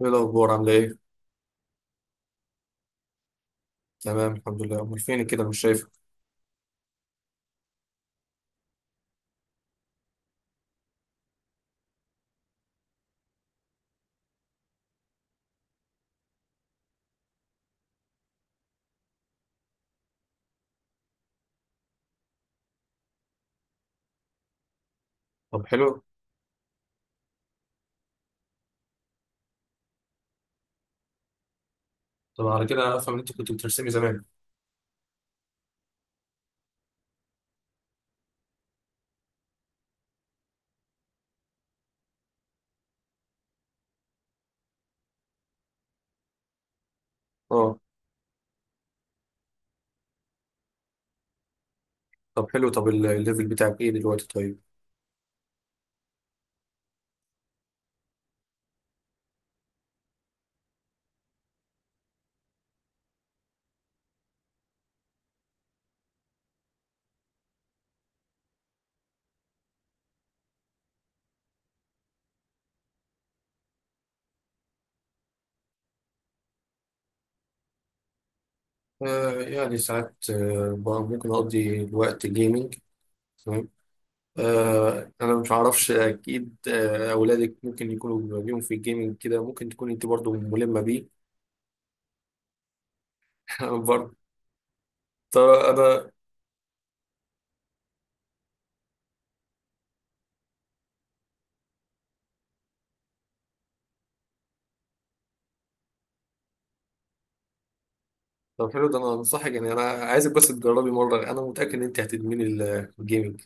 ايه الاخبار؟ عامله ايه؟ تمام الحمد لله. امال فينك كده؟ مش شايفك. طب حلو. طب على كده افهم ان انت كنت بترسمي زمان. اه. طب حلو. طب الليفل بتاعك ايه دلوقتي؟ طيب. يعني ساعات، ممكن اقضي الوقت جيمنج. تمام. انا مش عارفش اكيد، اولادك ممكن يكونوا ليهم في الجيمنج، كده ممكن تكون انت برضو ملمه بيه. برضه. طب انا طب حلو، ده انا انصحك، يعني انا عايزك بس تجربي مره، انا متاكد ان انت هتدمني الجيمنج.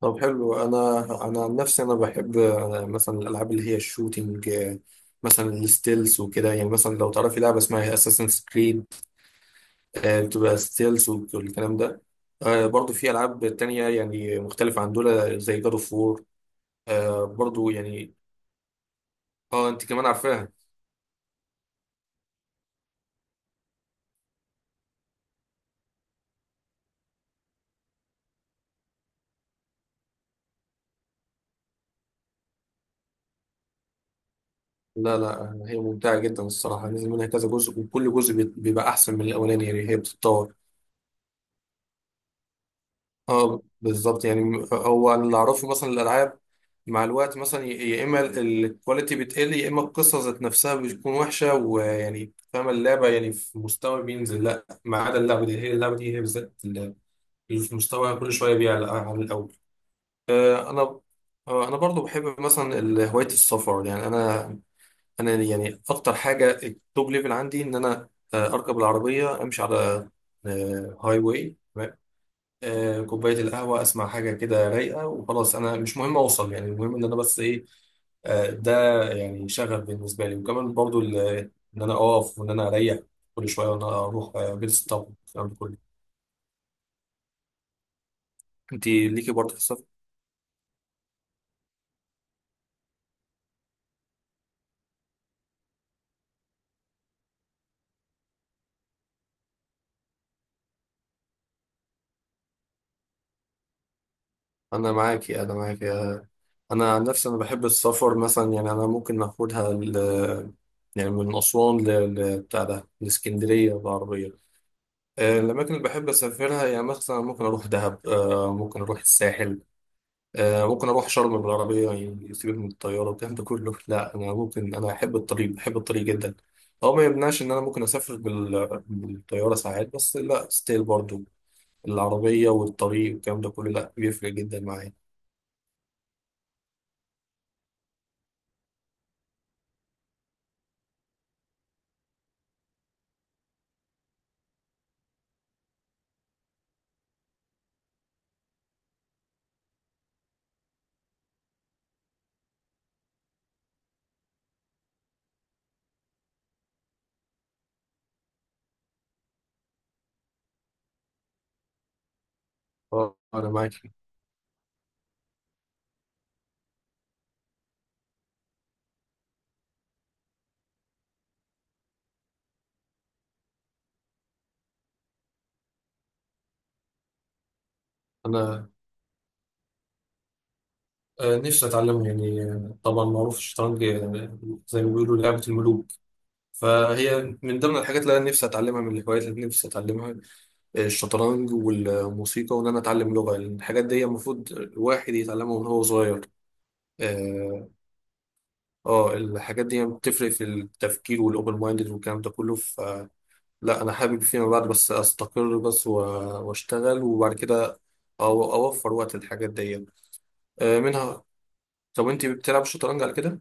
طب حلو. انا عن نفسي انا بحب مثلا الالعاب اللي هي الشوتينج، مثلا الستيلز وكده، يعني مثلا لو تعرفي لعبه اسمها اساسنز كريد بتبقى ستيلز والكلام ده. برضو في العاب تانية يعني مختلفه عن دول زي جاد اوف وور، برضو يعني. اه، انت كمان عارفاها؟ لا لا، هي ممتعه جدا الصراحه، نزل منها كذا جزء وكل جزء بيبقى احسن من الاولاني، يعني هي بتتطور. اه بالظبط. يعني هو اللي اعرفه مثلا الالعاب مع الوقت مثلا يا اما الكواليتي بتقل، يا اما القصه ذات نفسها بتكون وحشه، ويعني فاهم اللعبه، يعني في مستوى بينزل، لا ما عدا اللعبه دي، هي اللعبه دي هي بالذات اللي في مستوى كل شويه بيعلى عن الاول. انا انا برضو بحب مثلا هوايه السفر. يعني انا يعني اكتر حاجه التوب ليفل عندي ان انا اركب العربيه، امشي على هاي واي، كوباية القهوة، أسمع حاجة كده رايقة، وخلاص أنا مش مهم أوصل، يعني المهم إن أنا بس إيه. ده يعني شغف بالنسبة لي، وكمان برضو إن أنا أقف وإن أنا أريح كل شوية، وإن أنا أروح جلسة طب الكلام ده كله. أنت ليكي برضه في السفر؟ أنا معاكي، أنا معاكي، أنا عن نفسي أنا بحب السفر مثلا، يعني أنا ممكن يعني من أسوان بتاع ده لإسكندرية بالعربية. الأماكن اللي بحب أسافرها، يعني مثلا ممكن أروح دهب، ممكن أروح الساحل، ممكن اروح شرم بالعربيه. يعني يسيبك من الطياره والكلام ده كله، لا انا احب الطريق، بحب الطريق جدا. هو ما يمنعش ان انا ممكن اسافر بالطياره ساعات، بس لا ستيل برضو العربيه والطريق والكلام ده كله، لا بيفرق جدا معايا. اه انا معاك. انا آه، نفسي اتعلمه، يعني طبعا معروف الشطرنج، زي ما بيقولوا لعبه الملوك. فهي من ضمن الحاجات اللي انا نفسي اتعلمها، من الهوايات اللي نفسي اتعلمها: الشطرنج والموسيقى وان انا اتعلم لغه، لأن الحاجات دي المفروض الواحد يتعلمها من هو صغير. اه. الحاجات دي بتفرق في التفكير والاوبن مايندد والكلام ده كله. فلا، انا حابب فيما بعد بس استقر، واشتغل، وبعد كده اوفر وقت الحاجات دي، منها. طب انت بتلعب شطرنج على كده؟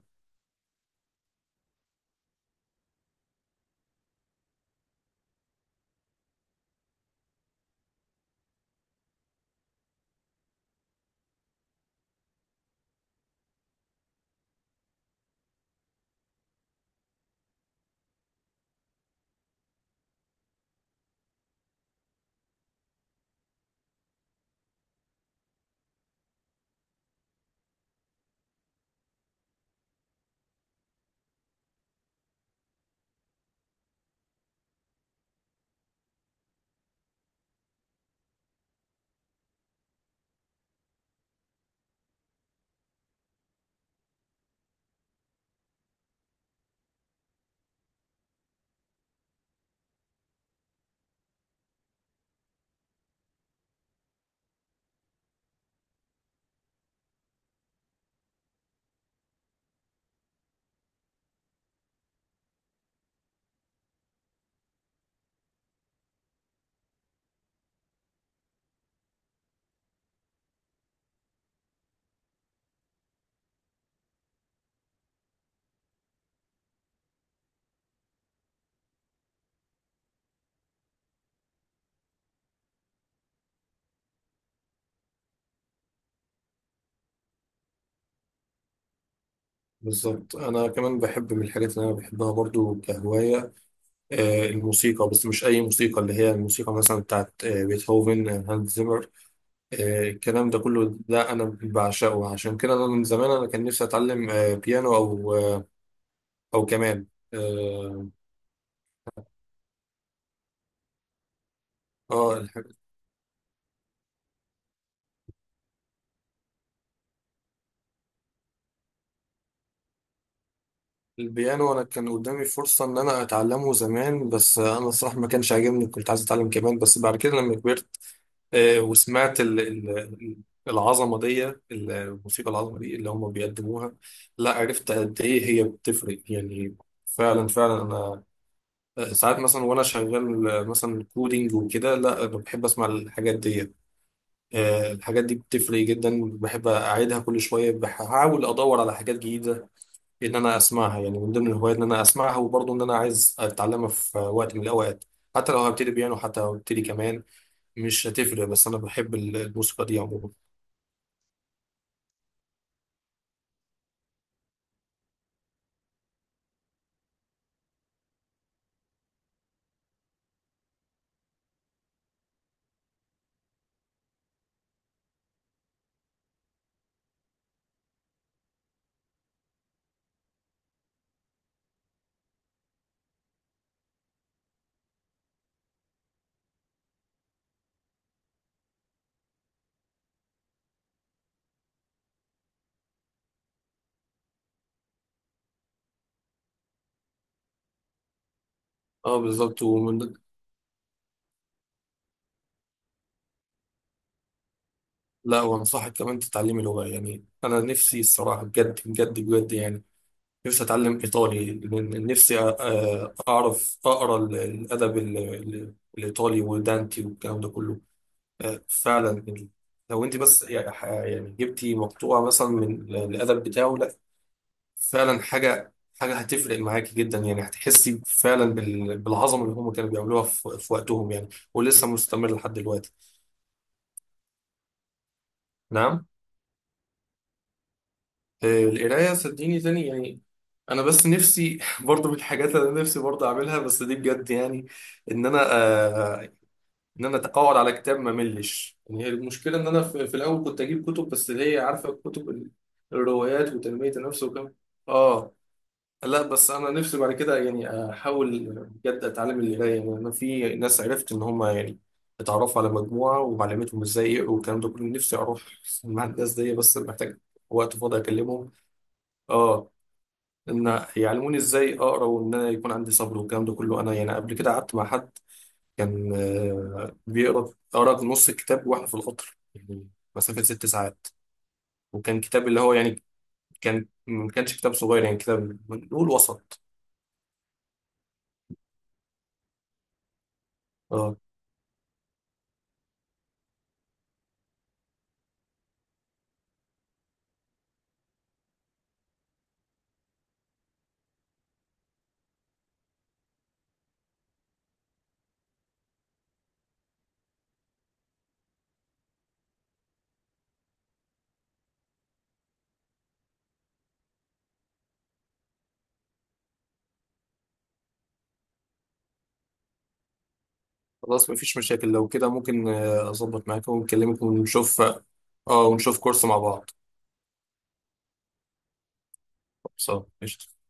بالظبط. انا كمان بحب من الحاجات اللي انا بحبها برضو كهوايه الموسيقى. بس مش اي موسيقى، اللي هي الموسيقى مثلا بتاعت بيتهوفن، هانز زيمر، الكلام ده كله. ده انا بعشقه، عشان كده انا من زمان انا كان نفسي اتعلم بيانو، او كمان. اه. آه، الح- البيانو انا كان قدامي فرصة ان انا اتعلمه زمان، بس انا الصراحة ما كانش عاجبني، كنت عايز اتعلم كمان، بس بعد كده لما كبرت وسمعت ال- العظمة دي، الموسيقى العظمة دي اللي هم بيقدموها. لا عرفت قد ايه هي بتفرق يعني. فعلا فعلا. ساعات مثلا وانا شغال مثلا كودينج وكده، لا بحب اسمع الحاجات دي. الحاجات دي بتفرق جدا، بحب اعيدها كل شويه، بحاول ادور على حاجات جديده ان انا اسمعها. يعني من ضمن الهوايات ان انا اسمعها، وبرضه ان انا عايز اتعلمها في وقت من الاوقات، حتى لو هبتدي بيانو، حتى لو هبتدي كمان، مش هتفرق. بس انا بحب الموسيقى دي عموما. اه بالظبط ومن لا وانصحك كمان تتعلمي لغه. يعني انا نفسي الصراحه بجد بجد بجد، يعني نفسي اتعلم ايطالي، لأن نفسي اعرف اقرا الادب الايطالي ودانتي والكلام ده كله. فعلا يعني. لو انت بس يعني جبتي مقطوعه مثلا من الادب بتاعه، لا فعلا حاجه هتفرق معاكي جدا، يعني هتحسي فعلا بالعظمه اللي هم كانوا بيعملوها في وقتهم، يعني ولسه مستمر لحد دلوقتي. نعم. القراية صدقيني تاني يعني. أنا بس نفسي برضو من الحاجات اللي أنا نفسي برضو أعملها، بس دي بجد يعني إن أنا آه إن أنا أقعد على كتاب ما أملش. يعني هي المشكلة إن أنا في الأول كنت أجيب كتب، بس اللي هي عارفة كتب الروايات وتنمية النفس، وكم. آه لا بس أنا نفسي بعد كده يعني أحاول بجد أتعلم القراية. يعني أنا في ناس عرفت إن هم يعني اتعرفوا على مجموعة وعلمتهم إزاي يقروا والكلام ده كله، نفسي أروح مع الناس دي بس محتاج وقت فاضي أكلمهم. اه، ان يعلموني ازاي اقرا، وان انا يكون عندي صبر والكلام ده كله. انا يعني قبل كده قعدت مع حد كان بيقرا، قرا نص الكتاب واحنا في القطر، يعني مسافه 6 ساعات. وكان كتاب اللي هو يعني كان، ما كانش كتاب صغير، يعني كتاب نقول وسط. اه، خلاص مفيش مشاكل. لو كده ممكن اظبط معاك ونكلمك ونشوف. اه ونشوف كورس مع بعض. خلاص، قشطة.